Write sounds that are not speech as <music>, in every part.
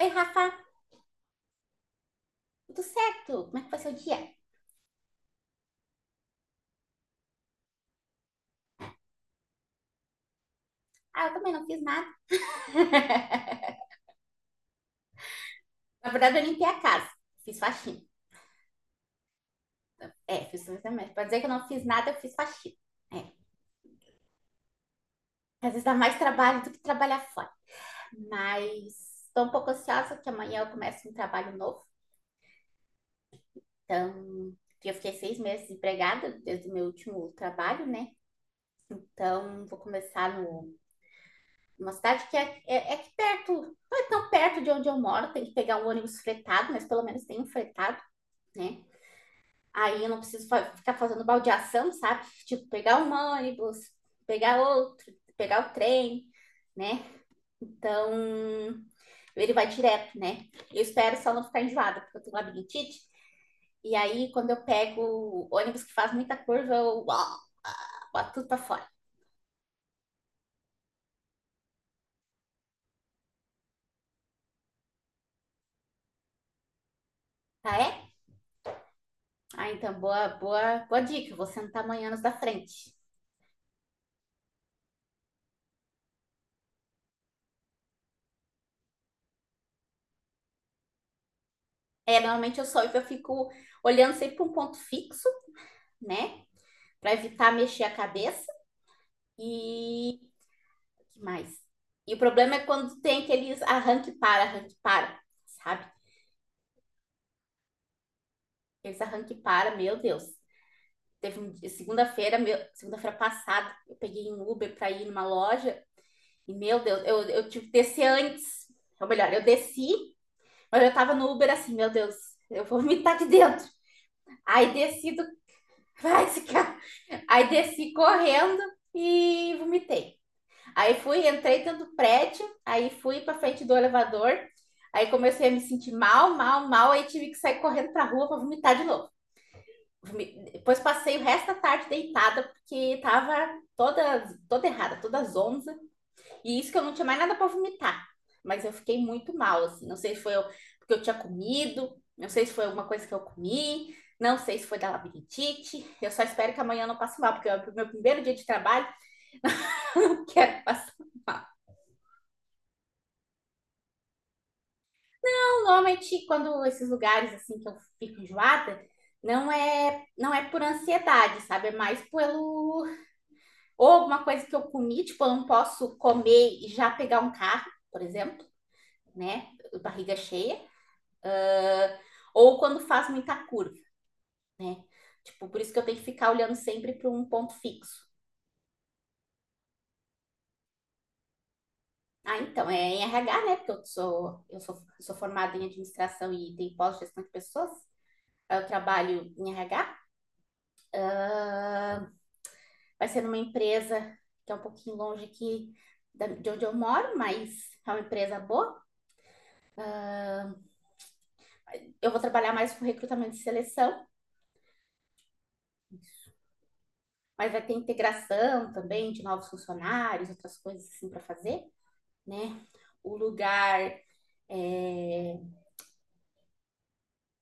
Oi, Rafa, tudo certo? Como é que foi seu dia? Ah, eu também não fiz nada. <laughs> Na verdade, eu limpei a casa, fiz faxina. É, fiz também. Pra dizer que eu não fiz nada, eu fiz faxina. É, às vezes dá mais trabalho do que trabalhar fora. Mas tô um pouco ansiosa que amanhã eu começo um trabalho novo. Então, eu fiquei 6 meses desempregada desde o meu último trabalho, né? Então, vou começar no, numa cidade que é aqui perto, não é tão perto de onde eu moro, tem que pegar um ônibus fretado, mas pelo menos tem um fretado, né? Aí eu não preciso ficar fazendo baldeação, sabe? Tipo, pegar um ônibus, pegar outro, pegar o trem, né? Então, ele vai direto, né? Eu espero só não ficar enjoada, porque eu tenho labirintite. E aí, quando eu pego o ônibus que faz muita curva, eu uau, boto tudo pra fora. Ah, é? Ah, então, boa, boa, boa dica. Você não tá amanhã nos da frente. É, normalmente eu só eu fico olhando sempre para um ponto fixo, né? Para evitar mexer a cabeça. E que mais? E o problema é quando tem aqueles arranque para, arranque para, sabe? Aqueles arranque para, meu Deus. Teve um segunda-feira, segunda-feira passada, eu peguei um Uber para ir numa loja e, meu Deus, eu tive que descer antes. Ou melhor, eu desci, mas eu tava no Uber assim, meu Deus, eu vou vomitar aqui dentro. Aí desci do... <laughs> Vai, esse cara. Aí desci correndo e vomitei. Aí fui, entrei dentro do prédio, aí fui para frente do elevador, aí comecei a me sentir mal, mal, mal, aí tive que sair correndo para rua para vomitar de novo. Depois passei o resto da tarde deitada porque tava toda toda errada, toda zonza, e isso que eu não tinha mais nada para vomitar. Mas eu fiquei muito mal, assim, não sei se foi eu, porque eu tinha comido, não sei se foi alguma coisa que eu comi, não sei se foi da labirintite. Eu só espero que amanhã eu não passe mal, porque é o meu primeiro dia de trabalho, <laughs> não quero passar mal. Normalmente, quando esses lugares assim que eu fico enjoada, não é por ansiedade, sabe? É mais pelo ou alguma coisa que eu comi. Tipo, eu não posso comer e já pegar um carro, por exemplo, né? Barriga cheia. Ah, ou quando faz muita curva, né? Tipo, por isso que eu tenho que ficar olhando sempre para um ponto fixo. Ah, então, é em RH, né? Porque eu sou formada em administração e tenho pós-gestão de pessoas. Eu trabalho em RH. Ah, vai ser numa empresa que é um pouquinho longe aqui de onde eu moro, mas é uma empresa boa. Eu vou trabalhar mais com recrutamento e seleção, mas vai ter integração também de novos funcionários, outras coisas assim para fazer, né? O lugar, é,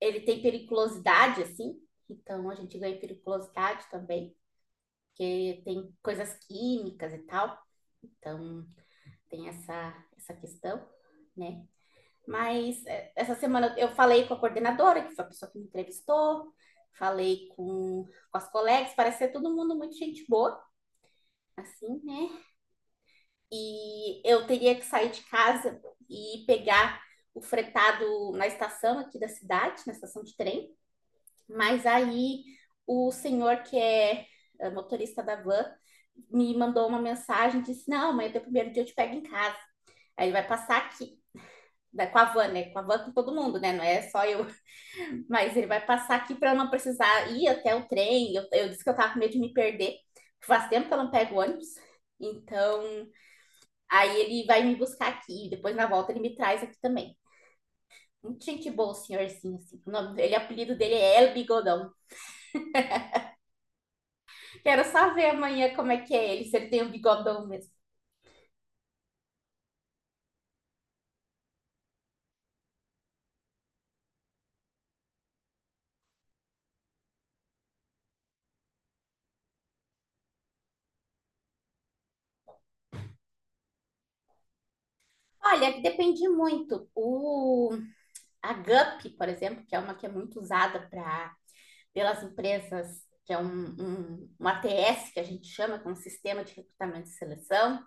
ele tem periculosidade, assim, então a gente ganha periculosidade também. E tem coisas químicas e tal, então tem essa questão, né? Mas é, essa semana eu falei com a coordenadora, que foi a pessoa que me entrevistou, falei com as colegas, parece ser todo mundo muito gente boa, assim, né? E eu teria que sair de casa e pegar o fretado na estação aqui da cidade, na estação de trem, mas aí o senhor que é motorista da van me mandou uma mensagem, disse, não, amanhã é teu primeiro dia, eu te pego em casa. Aí ele vai passar aqui, né, com a van, né? Com a van com todo mundo, né? Não é só eu. Mas ele vai passar aqui para eu não precisar ir até o trem. Eu disse que eu tava com medo de me perder. Faz tempo que eu não pego ônibus. Então, aí ele vai me buscar aqui. Depois, na volta, ele me traz aqui também. Muito gente boa, o senhorzinho, assim. O nome dele, o apelido dele é El Bigodão. Quero só ver amanhã como é que é ele, se ele tem um bigodão mesmo. Olha, depende muito. O, a Gup, por exemplo, que é uma que é muito usada para pelas empresas, que é um ATS, que a gente chama, que é um sistema de recrutamento e seleção,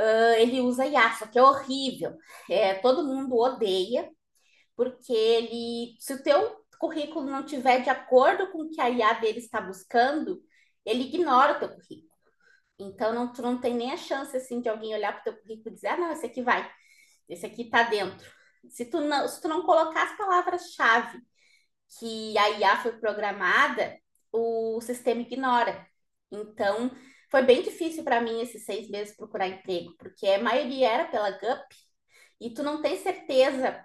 ah, ele usa IA, só que é horrível. É, todo mundo odeia, porque ele, se o teu currículo não tiver de acordo com o que a IA dele está buscando, ele ignora o teu currículo. Então, não, tu não tem nem a chance, assim, de alguém olhar para o teu currículo e dizer, ah, não, esse aqui vai, esse aqui está dentro. Se tu não colocar as palavras-chave que a IA foi programada, o sistema ignora. Então, foi bem difícil para mim esses 6 meses procurar emprego, porque a maioria era pela GUP e tu não tem certeza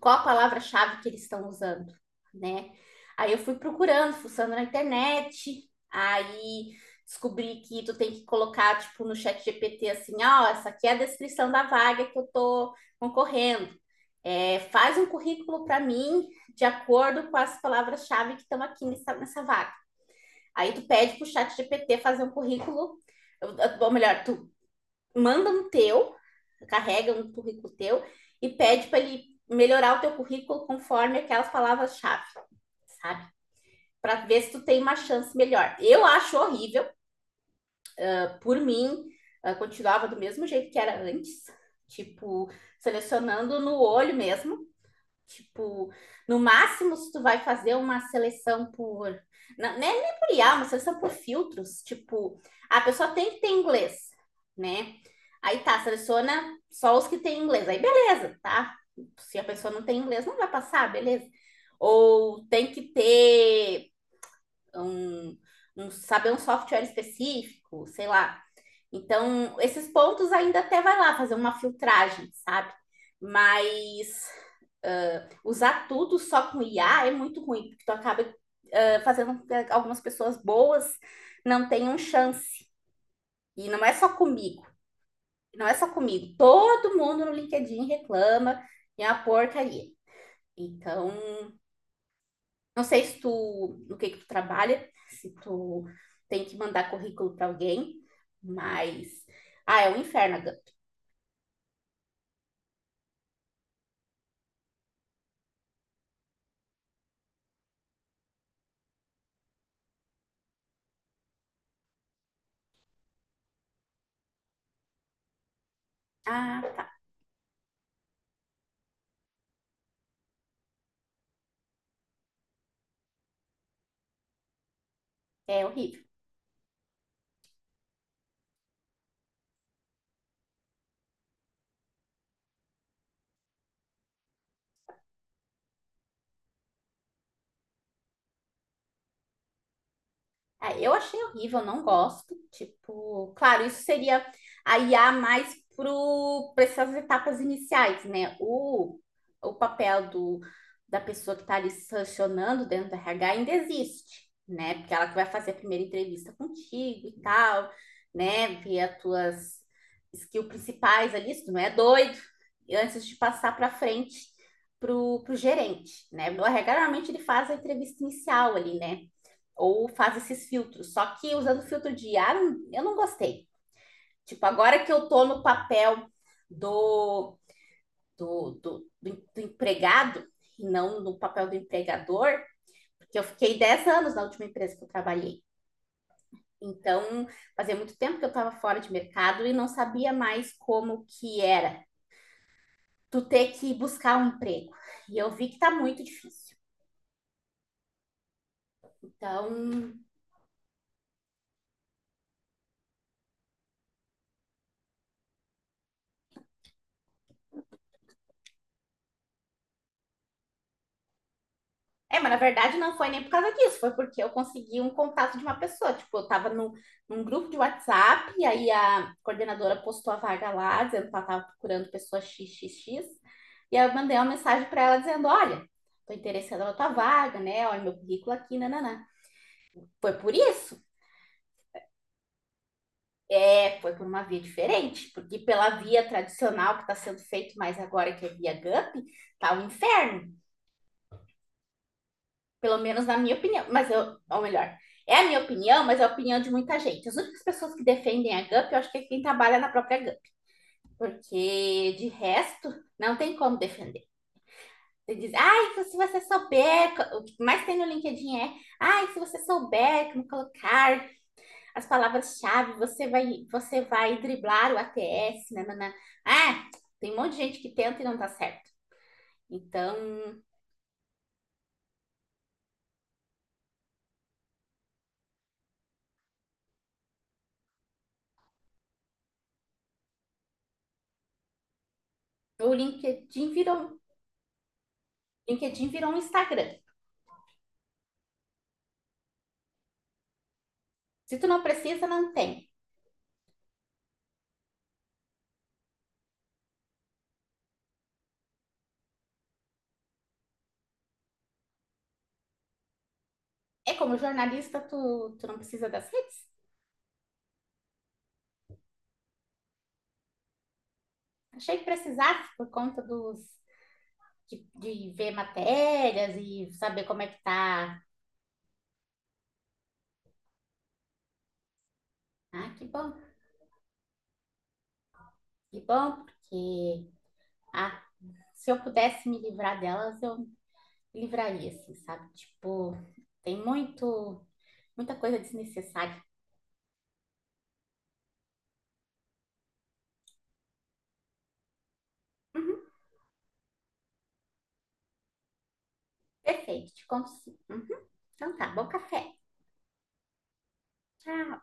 qual a palavra-chave que eles estão usando, né? Aí eu fui procurando, fuçando na internet, aí descobri que tu tem que colocar, tipo, no chat GPT assim, ó, oh, essa aqui é a descrição da vaga que eu tô concorrendo. É, faz um currículo para mim de acordo com as palavras-chave que estão aqui nessa vaga. Aí tu pede pro chat GPT fazer um currículo, ou melhor, tu manda um teu, carrega um currículo teu e pede para ele melhorar o teu currículo conforme aquelas palavras-chave, sabe? Para ver se tu tem uma chance melhor. Eu acho horrível. Ah, por mim, ah, continuava do mesmo jeito que era antes, tipo, selecionando no olho mesmo. Tipo, no máximo, se tu vai fazer uma seleção por... Não, nem por IA, uma seleção por filtros. Tipo, a pessoa tem que ter inglês, né? Aí tá, seleciona só os que têm inglês. Aí beleza, tá? Se a pessoa não tem inglês, não vai passar, beleza. Ou tem que ter um, um saber um software específico, sei lá. Então, esses pontos ainda até vai lá fazer uma filtragem, sabe? Mas usar tudo só com IA é muito ruim, porque tu acaba fazendo com que algumas pessoas boas não tenham chance. E não é só comigo. Todo mundo no LinkedIn reclama e é uma porcaria. Então, não sei se tu, no que tu trabalha, se tu tem que mandar currículo para alguém, mas ah, é um inferno. Agora. Ah, tá. É horrível. Ah, eu achei horrível, não gosto. Tipo, claro, isso seria a IA mais para essas etapas iniciais, né? O papel da pessoa que está ali sancionando dentro do RH ainda existe, né? Porque ela que vai fazer a primeira entrevista contigo e tal, né? Ver as tuas skills principais ali, se tu não é doido, e antes de passar para frente pro gerente, né? O RH normalmente ele faz a entrevista inicial ali, né? Ou faz esses filtros. Só que usando filtro de ar, eu não gostei. Tipo, agora que eu tô no papel do, do empregado, e não no papel do empregador, porque eu fiquei 10 anos na última empresa que eu trabalhei. Então, fazia muito tempo que eu estava fora de mercado e não sabia mais como que era tu ter que buscar um emprego. E eu vi que tá muito difícil. Então, é, mas na verdade não foi nem por causa disso, foi porque eu consegui um contato de uma pessoa. Tipo, eu tava no, num grupo de WhatsApp, e aí a coordenadora postou a vaga lá, dizendo que ela tava procurando pessoa XXX, e aí eu mandei uma mensagem para ela dizendo: Olha, tô interessada na tua vaga, né? Olha meu currículo aqui, nananã. Foi por isso. É, foi por uma via diferente, porque pela via tradicional que está sendo feito mais agora, que é via GUP, tá um inferno. Pelo menos na minha opinião, mas eu, ou melhor, é a minha opinião, mas é a opinião de muita gente. As únicas pessoas que defendem a GUP, eu acho que é quem trabalha na própria GUP, porque de resto, não tem como defender. Você diz, ai, se você souber, o que mais tem no LinkedIn é, ai, se você souber como colocar as palavras-chave, você vai driblar o ATS, nanana. Ah, tem um monte de gente que tenta e não dá certo. Então, o LinkedIn virou, LinkedIn virou um Instagram. Se tu não precisa, não tem. É como jornalista, tu não precisa das redes? Achei que precisasse por conta dos de ver matérias e saber como é que tá. Ah, que bom, porque ah, se eu pudesse me livrar delas, eu me livraria, assim, sabe? Tipo, tem muito, muita coisa desnecessária. Uhum, perfeito, te consigo. Uhum, então tá, bom café. Tchau.